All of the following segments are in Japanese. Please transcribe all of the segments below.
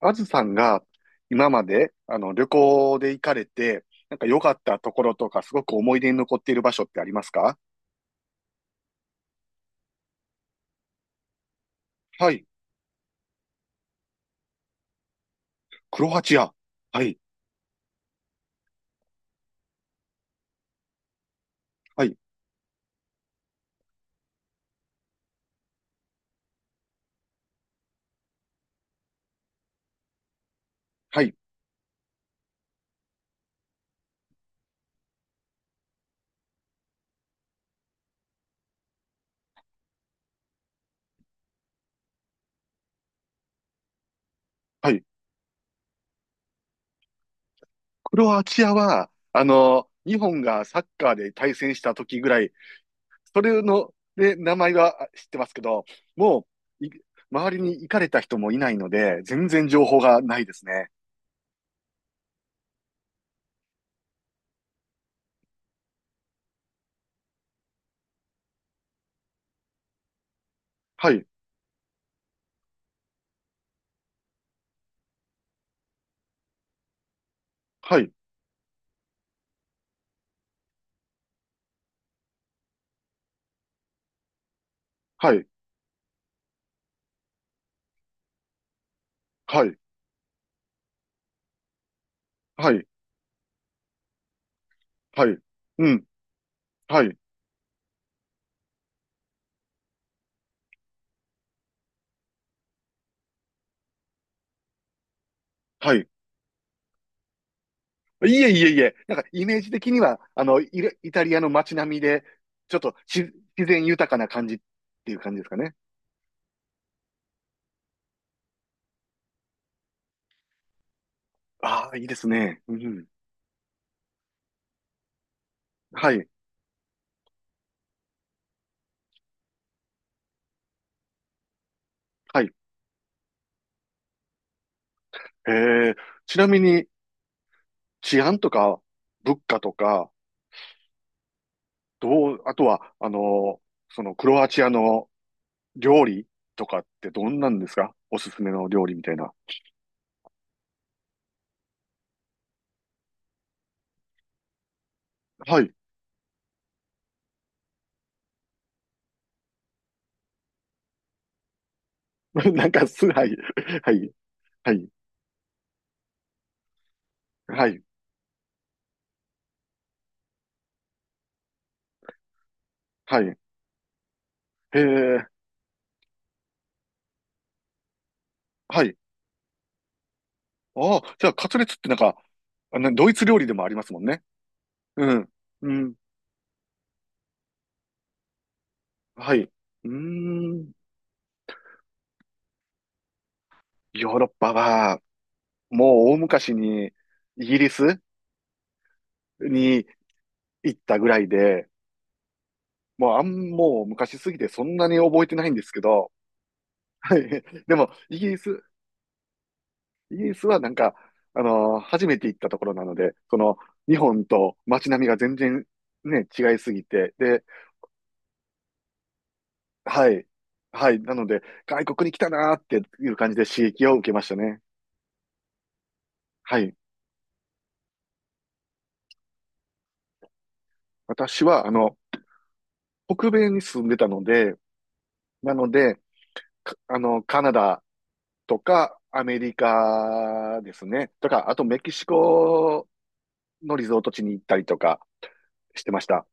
あずさんが今まで旅行で行かれて、なんか良かったところとか、すごく思い出に残っている場所ってありますか？はい。クロアチア。はい。はい。はい。はい。クロアチアは、あの、日本がサッカーで対戦した時ぐらい、それの、で、名前は知ってますけど、もう、い周りに行かれた人もいないので、全然情報がないですね。はい。はい。はい。はい。はい。はい。うん。はい。はい。いえいえいえ、なんかイメージ的には、あの、イタリアの街並みで、ちょっとし自然豊かな感じっていう感じですかね。ああ、いいですね。うん。はい。はい。えー、ちなみに治安とか物価とか、どう、あとは、あの、そのクロアチアの料理とかってどんなんですか？おすすめの料理みたいな。はい。なんかす、はい。はい。はい。はい。はい。へえ。はい。ああ、じゃあ、カツレツってなんか、あのドイツ料理でもありますもんね。うん。うん。はい。うーん。ヨーロッパは、もう大昔にイギリスに行ったぐらいで、もう昔すぎてそんなに覚えてないんですけど、はい。でも、イギリス、イギリスはなんか、あのー初めて行ったところなので、その、日本と街並みが全然ね、違いすぎて、で、はい。はい。なので、外国に来たなーっていう感じで刺激を受けましたね。はい。私は、あの、北米に住んでたので、なので、かあの、カナダとかアメリカですね。とか、あとメキシコのリゾート地に行ったりとかしてました。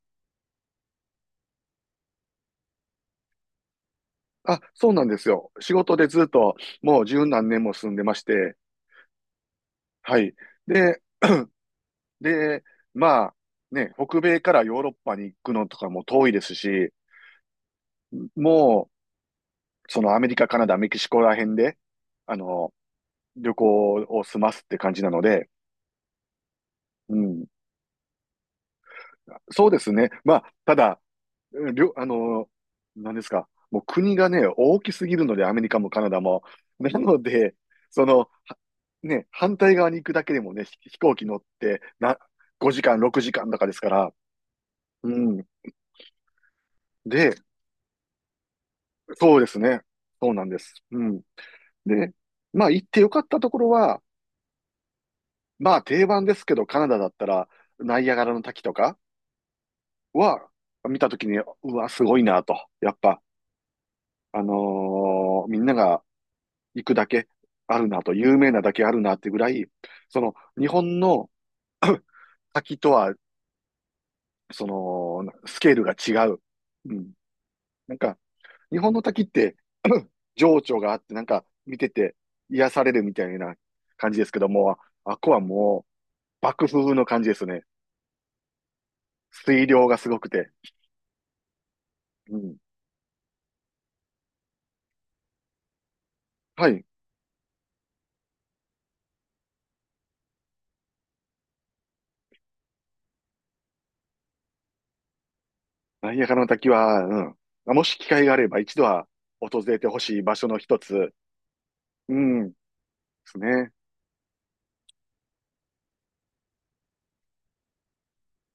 あ、そうなんですよ。仕事でずっともう十何年も住んでまして、はい。で、で、まあ、ね、北米からヨーロッパに行くのとかも遠いですし、もそのアメリカ、カナダ、メキシコら辺で、あの、旅行を済ますって感じなので、うん。そうですね。まあ、ただ、りょ、あの、何ですか。もう国がね、大きすぎるので、アメリカもカナダも。なので、その、はね、反対側に行くだけでもね、飛行機乗ってな、5時間、6時間とかですから。うん。で、そうですね。そうなんです。うん。で、まあ行ってよかったところは、まあ定番ですけど、カナダだったら、ナイアガラの滝とかは、見たときに、うわ、すごいなと。やっぱ、あのーみんなが行くだけあるなと、有名なだけあるなってぐらい、その、日本の 滝とは、その、スケールが違う。うん。なんか、日本の滝って、情緒があって、なんか、見てて、癒されるみたいな感じですけども、あっこはもう、爆風の感じですね。水量がすごくて。うん。はい。ナイアガラの滝は、うん。まあもし機会があれば一度は訪れてほしい場所の一つ。うん。ですね。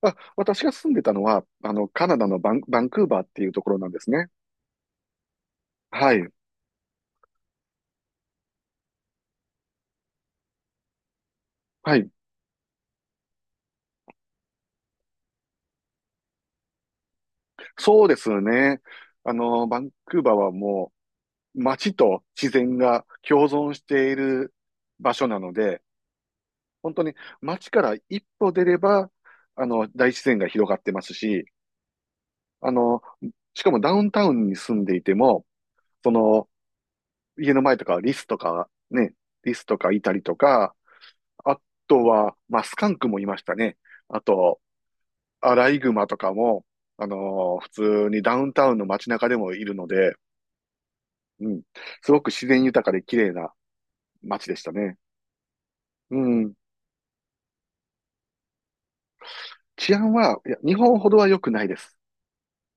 あ、私が住んでたのは、あの、カナダのバンクーバーっていうところなんですね。はい。はい。そうですね。あの、バンクーバーはもう街と自然が共存している場所なので、本当に街から一歩出れば、あの、大自然が広がってますし、あの、しかもダウンタウンに住んでいても、その、家の前とかリスとかいたりとか、あとは、まあ、スカンクもいましたね。あと、アライグマとかも、あのー普通にダウンタウンの街中でもいるので、うん、すごく自然豊かで綺麗な街でしたね。うん、治安は、いや、日本ほどは良くないです。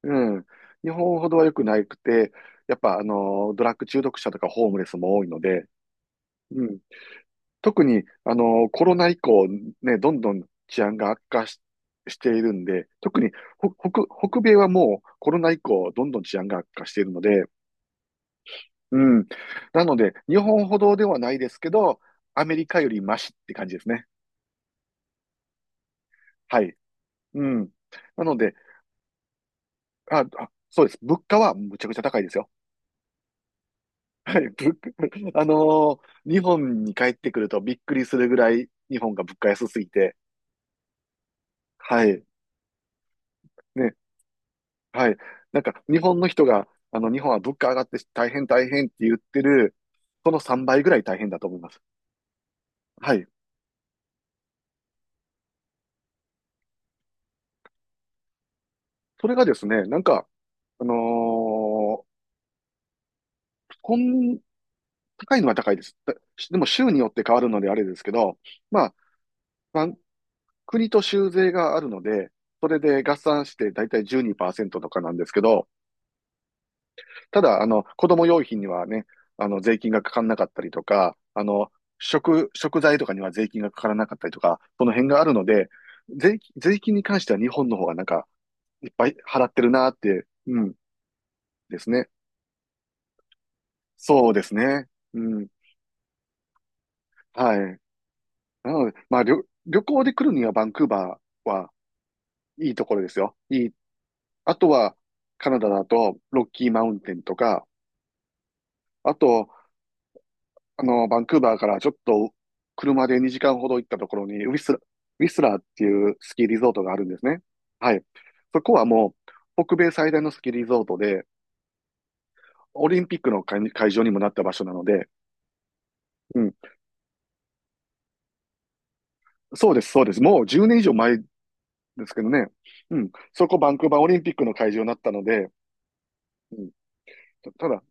うん、日本ほどは良くなくて、やっぱ、あのードラッグ中毒者とかホームレスも多いので、うん、特に、あの、コロナ以降、ね、どんどん治安が悪化し、しているんで、特に北米はもうコロナ以降、どんどん治安が悪化しているので、うん。なので、日本ほどではないですけど、アメリカよりマシって感じですね。はい。うん。なので、あ、あ、そうです。物価はむちゃくちゃ高いですよ。はい。物価 あのー日本に帰ってくるとびっくりするぐらい、日本が物価安すぎて、はい。ね、はい。なんか、日本の人が、あの、日本は物価上がって大変大変って言ってる、その3倍ぐらい大変だと思います。はい。それがですね、なんか、あのーこん、高いのは高いです。でも、州によって変わるのであれですけど、まあ、まあ国と州税があるので、それで合算して大体12%とかなんですけど、ただ、あの、子供用品にはね、あの、税金がかからなかったりとか、あの、食材とかには税金がかからなかったりとか、その辺があるので、税金に関しては日本の方がなんか、いっぱい払ってるなーって、うん、ですね。そうですね。うん、はい。なので、まあ、旅行で来るにはバンクーバーはいいところですよ。いい。あとは、カナダだと、ロッキーマウンテンとか、あと、あの、バンクーバーからちょっと車で2時間ほど行ったところに、ウィスラーっていうスキーリゾートがあるんですね。はい。そこはもう、北米最大のスキーリゾートで、オリンピックの会場にもなった場所なので、うん。そうです、そうです。もう10年以上前ですけどね。うん。そこバンクーバーオリンピックの会場になったので、うん。だ、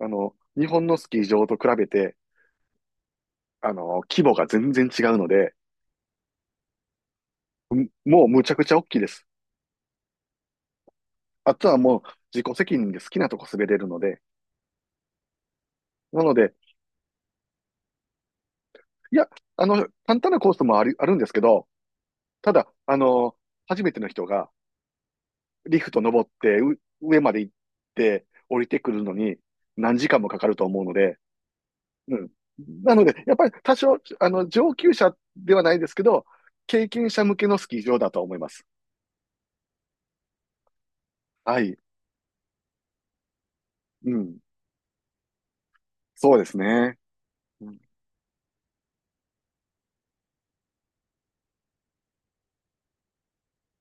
あの、日本のスキー場と比べて、あの、規模が全然違うので、うんもうむちゃくちゃ大きいです。あとはもう自己責任で好きなとこ滑れるので、なので、いや、あの、簡単なコースもあるんですけど、ただ、あの、初めての人がリフト登って上まで行って降りてくるのに何時間もかかると思うので、うん。なので、やっぱり多少、あの、上級者ではないですけど、経験者向けのスキー場だと思います。はい。うん。そうですね。